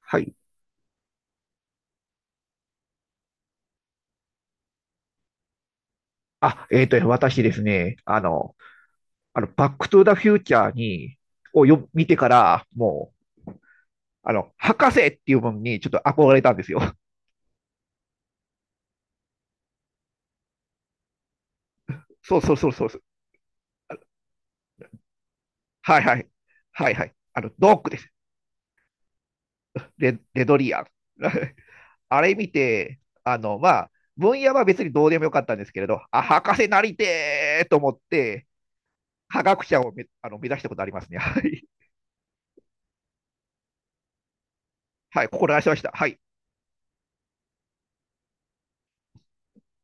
はい。私ですね、バックトゥーザフューチャーに、見てから、もう、あの、博士っていうものにちょっと憧れたんですよ。そうそうそうそうそう。はいはい。はいはい。あの、ドックです。レ、レドリアン。あれ見て、まあ、分野は別にどうでもよかったんですけれど、あ、博士なりてーと思って、科学者をめ、あの、目指したことありますね。はい。はい、ここしました。はい。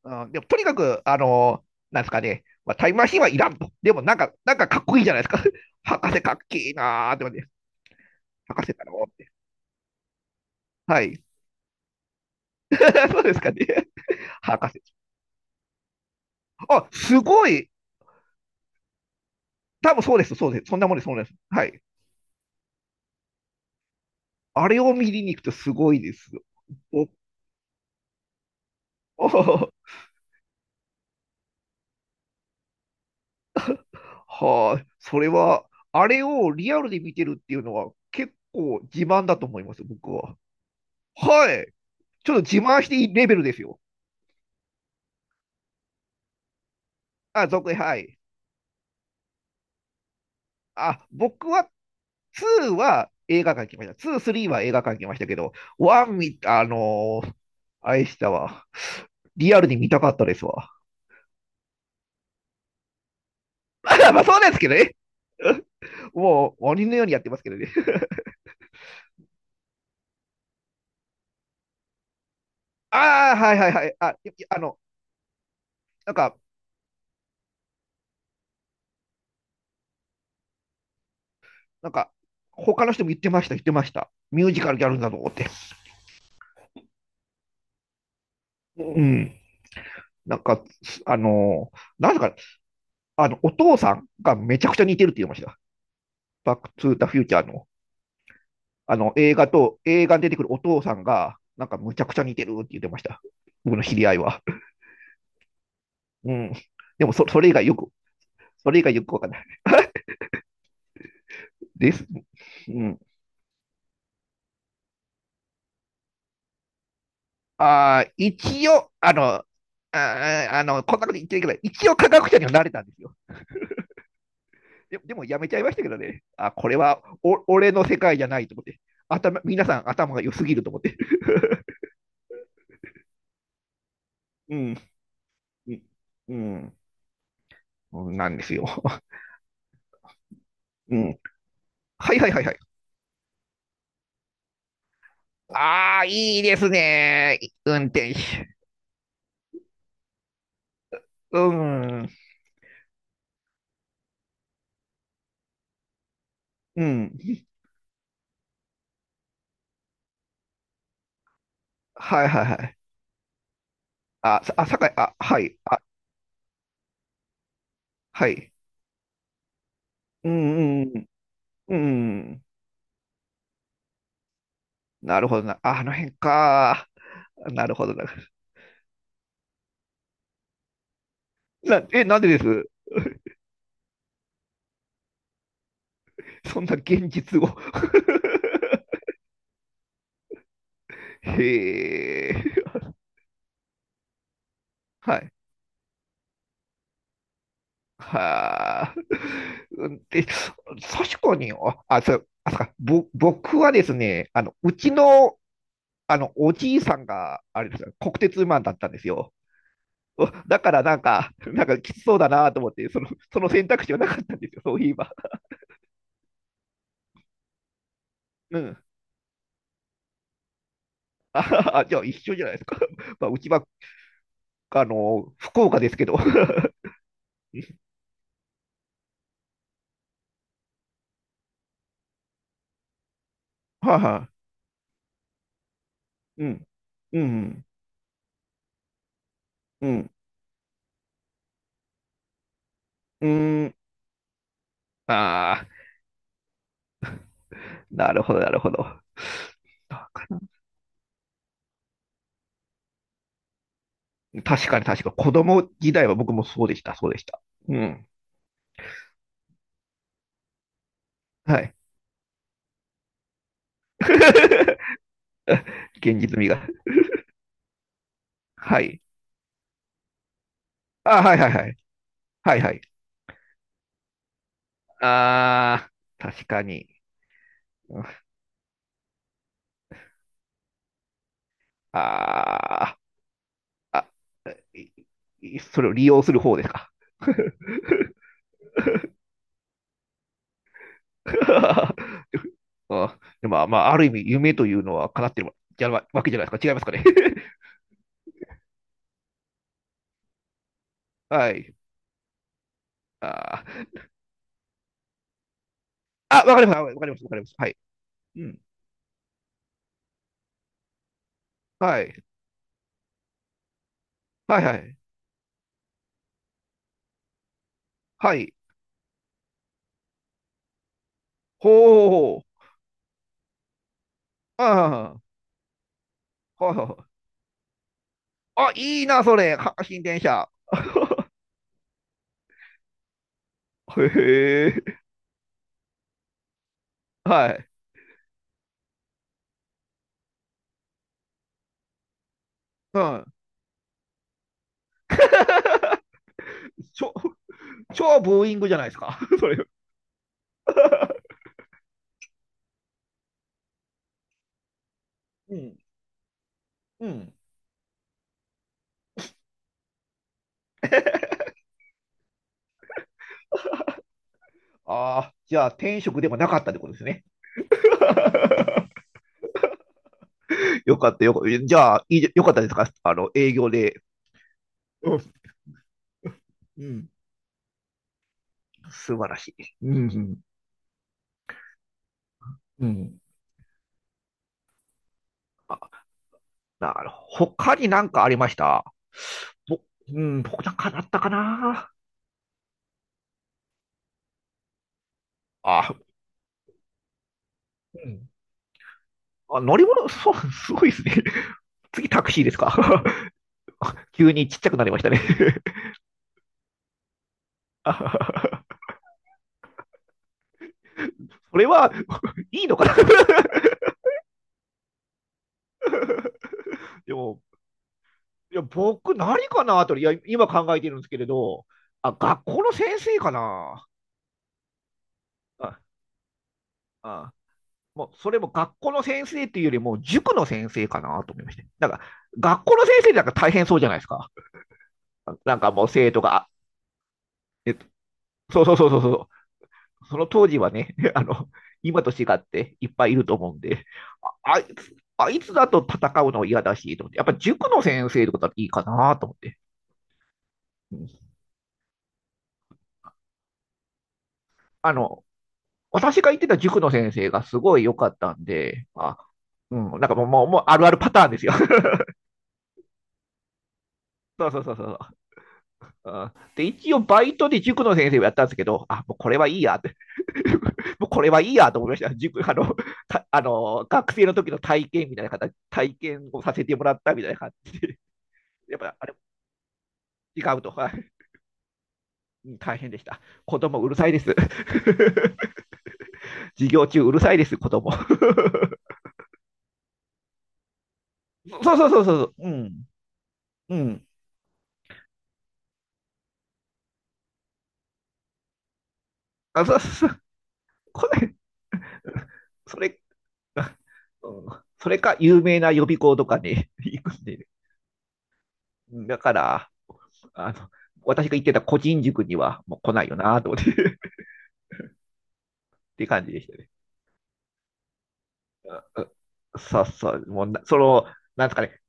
うん、でもとにかく、なんですかね、まあ、タイムマシンはいらんと。でもなんか、なんかかっこいいじゃないですか。博士かっけえなーって思って、博士だろうって。はい。そうですかね。博士。あ、すごい。多分そうです、そうです。そんなもんです、そんなもんです。はい。あれを見に行くとすごいですよ。お、おはあ、それは、あれをリアルで見てるっていうのは結構自慢だと思います、僕は。はい。ちょっと自慢していいレベルですよ。あ、続編、はい。あ、僕は2は映画館行きました。2、3は映画館行きましたけど、1見、あのーあれでしたわ。リアルに見たかったですわ。まあそうですけどね。もう鬼のようにやってますけどね。ああ、はいはいはい。なんか、なんか、他の人も言ってました、言ってました。ミュージカルやるんだと思って。うん。なんか、あのー、なんすか、あの、お父さんがめちゃくちゃ似てるって言いました。バックトゥーザフューチャーの。映画に出てくるお父さんが、なんかむちゃくちゃ似てるって言ってました。僕の知り合いは。うん。でもそ、それ以外よく、それ以外よくわかんないです。うん。ああ、一応、あの、ああの、こんなこと言っちゃいけない。一応科学者にはなれたんですよ。でもやめちゃいましたけどね。あ、これはお俺の世界じゃないと思って。皆さん頭が良すぎると思って。うん。うん。うん。なんですよ。うん。はいはいはいはい。ああ、いいですね。運転手。うん、うん。はいはいはい。あ、さあ、酒あ、はい、あ、はい。うん、うん、うん。なるほどな。ああの辺か。なるほどな。え、なんでですそんな現実を。へえ。はい。はあ。うんで、確かに、あ、あ、そう、あ、そうか、僕はですね、あの、うちの、あの、おじいさんが、あれですよ、国鉄マンだったんですよ。おだからなんか、なんかきつそうだなと思って、その選択肢はなかったんですよ、そういえば。うん。あ、じゃあ一緒じゃないですか。まあ、うちは、あの、福岡ですけど。はいはい。うん、うん、うん、うん。ああ、なるほど、なるほど。確かに確かに、子供時代は僕もそうでした、そうでした。うん。はい。現実味が。はい。あ、はいはいはい。はいはい。ああ、確かに。ああ。あ、それを利用する方ですか。あ、でも、まあ、ある意味、夢というのは叶ってるわじゃわけじゃないですか。違いますかね。はい。あー、あ、わかります。わかります。わかります。はい。うん。はい。はいはい。はい。ほうほう。ああ、はいはい。あ、いいな、それ。阪神電車。へえ。はい。うん。超、超ブーイングじゃないですか。それ。うん、うん。ああ、じゃあ、転職でもなかったってことですね。よかったよかった。じゃあ、いいよかったですかあの、営業で。うん。素晴らしい。うんうん。うん。あ、なるほど。他に何かありましたぼ、うん、僕なんかだったかなあ、うんあ、乗り物、そう、すごいですね。次タクシーですか？ 急にちっちゃくなりましたね あそれは、いいのかな？ でも、いや、僕何かなと、いや、今考えてるんですけれど、あ、学校の先生かな。ああ、もうそれも学校の先生っていうよりも塾の先生かなと思いまして。なんか学校の先生なんか大変そうじゃないですか。なんかもう生徒が、えっと、そうそうそうそうそう。その当時はね、あの、今と違っていっぱいいると思うんで、あいつ、あいつだと戦うの嫌だし、と思って、やっぱ塾の先生とかだとはいいかなと思って。うん、あの、私が行ってた塾の先生がすごい良かったんで、あ、うん、もうあるあるパターンですよ。そうそうそうそう。うんで、一応バイトで塾の先生をやったんですけど、あ、もうこれはいいやって もうこれはいいやと思いました。塾、あの、あの、学生の時の体験みたいな形、体験をさせてもらったみたいな感じで、やっぱ、あれ、違うと、はい、大変でした。子供うるさいです。授業中うるさいです、子供。そうそうそうそうそう、うん、うん。あ、そうそうそう、これ、それ、うんそれか有名な予備校とかに行くんで、だから、あの、私が言ってた個人塾にはもう来ないよなと思って っていう感じでしたね。そうささ、もうな、その、なんですかね、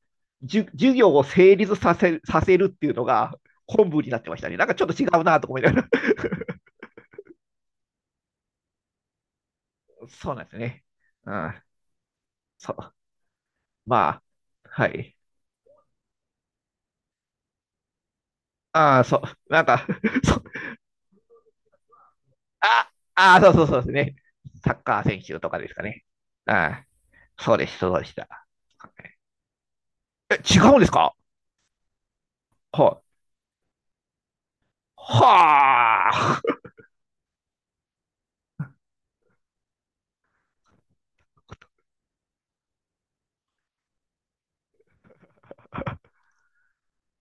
授業を成立させさせるっていうのが本部になってましたね。なんかちょっと違うなと思いながら。そうなんですね。うん。そう。まあ、はい。ああ、そう。なんか そう。あ、ああ、そうそうそうですね。サッカー選手とかですかね。ああ、そうです、そうでした。え、違うんですかはい。はあ。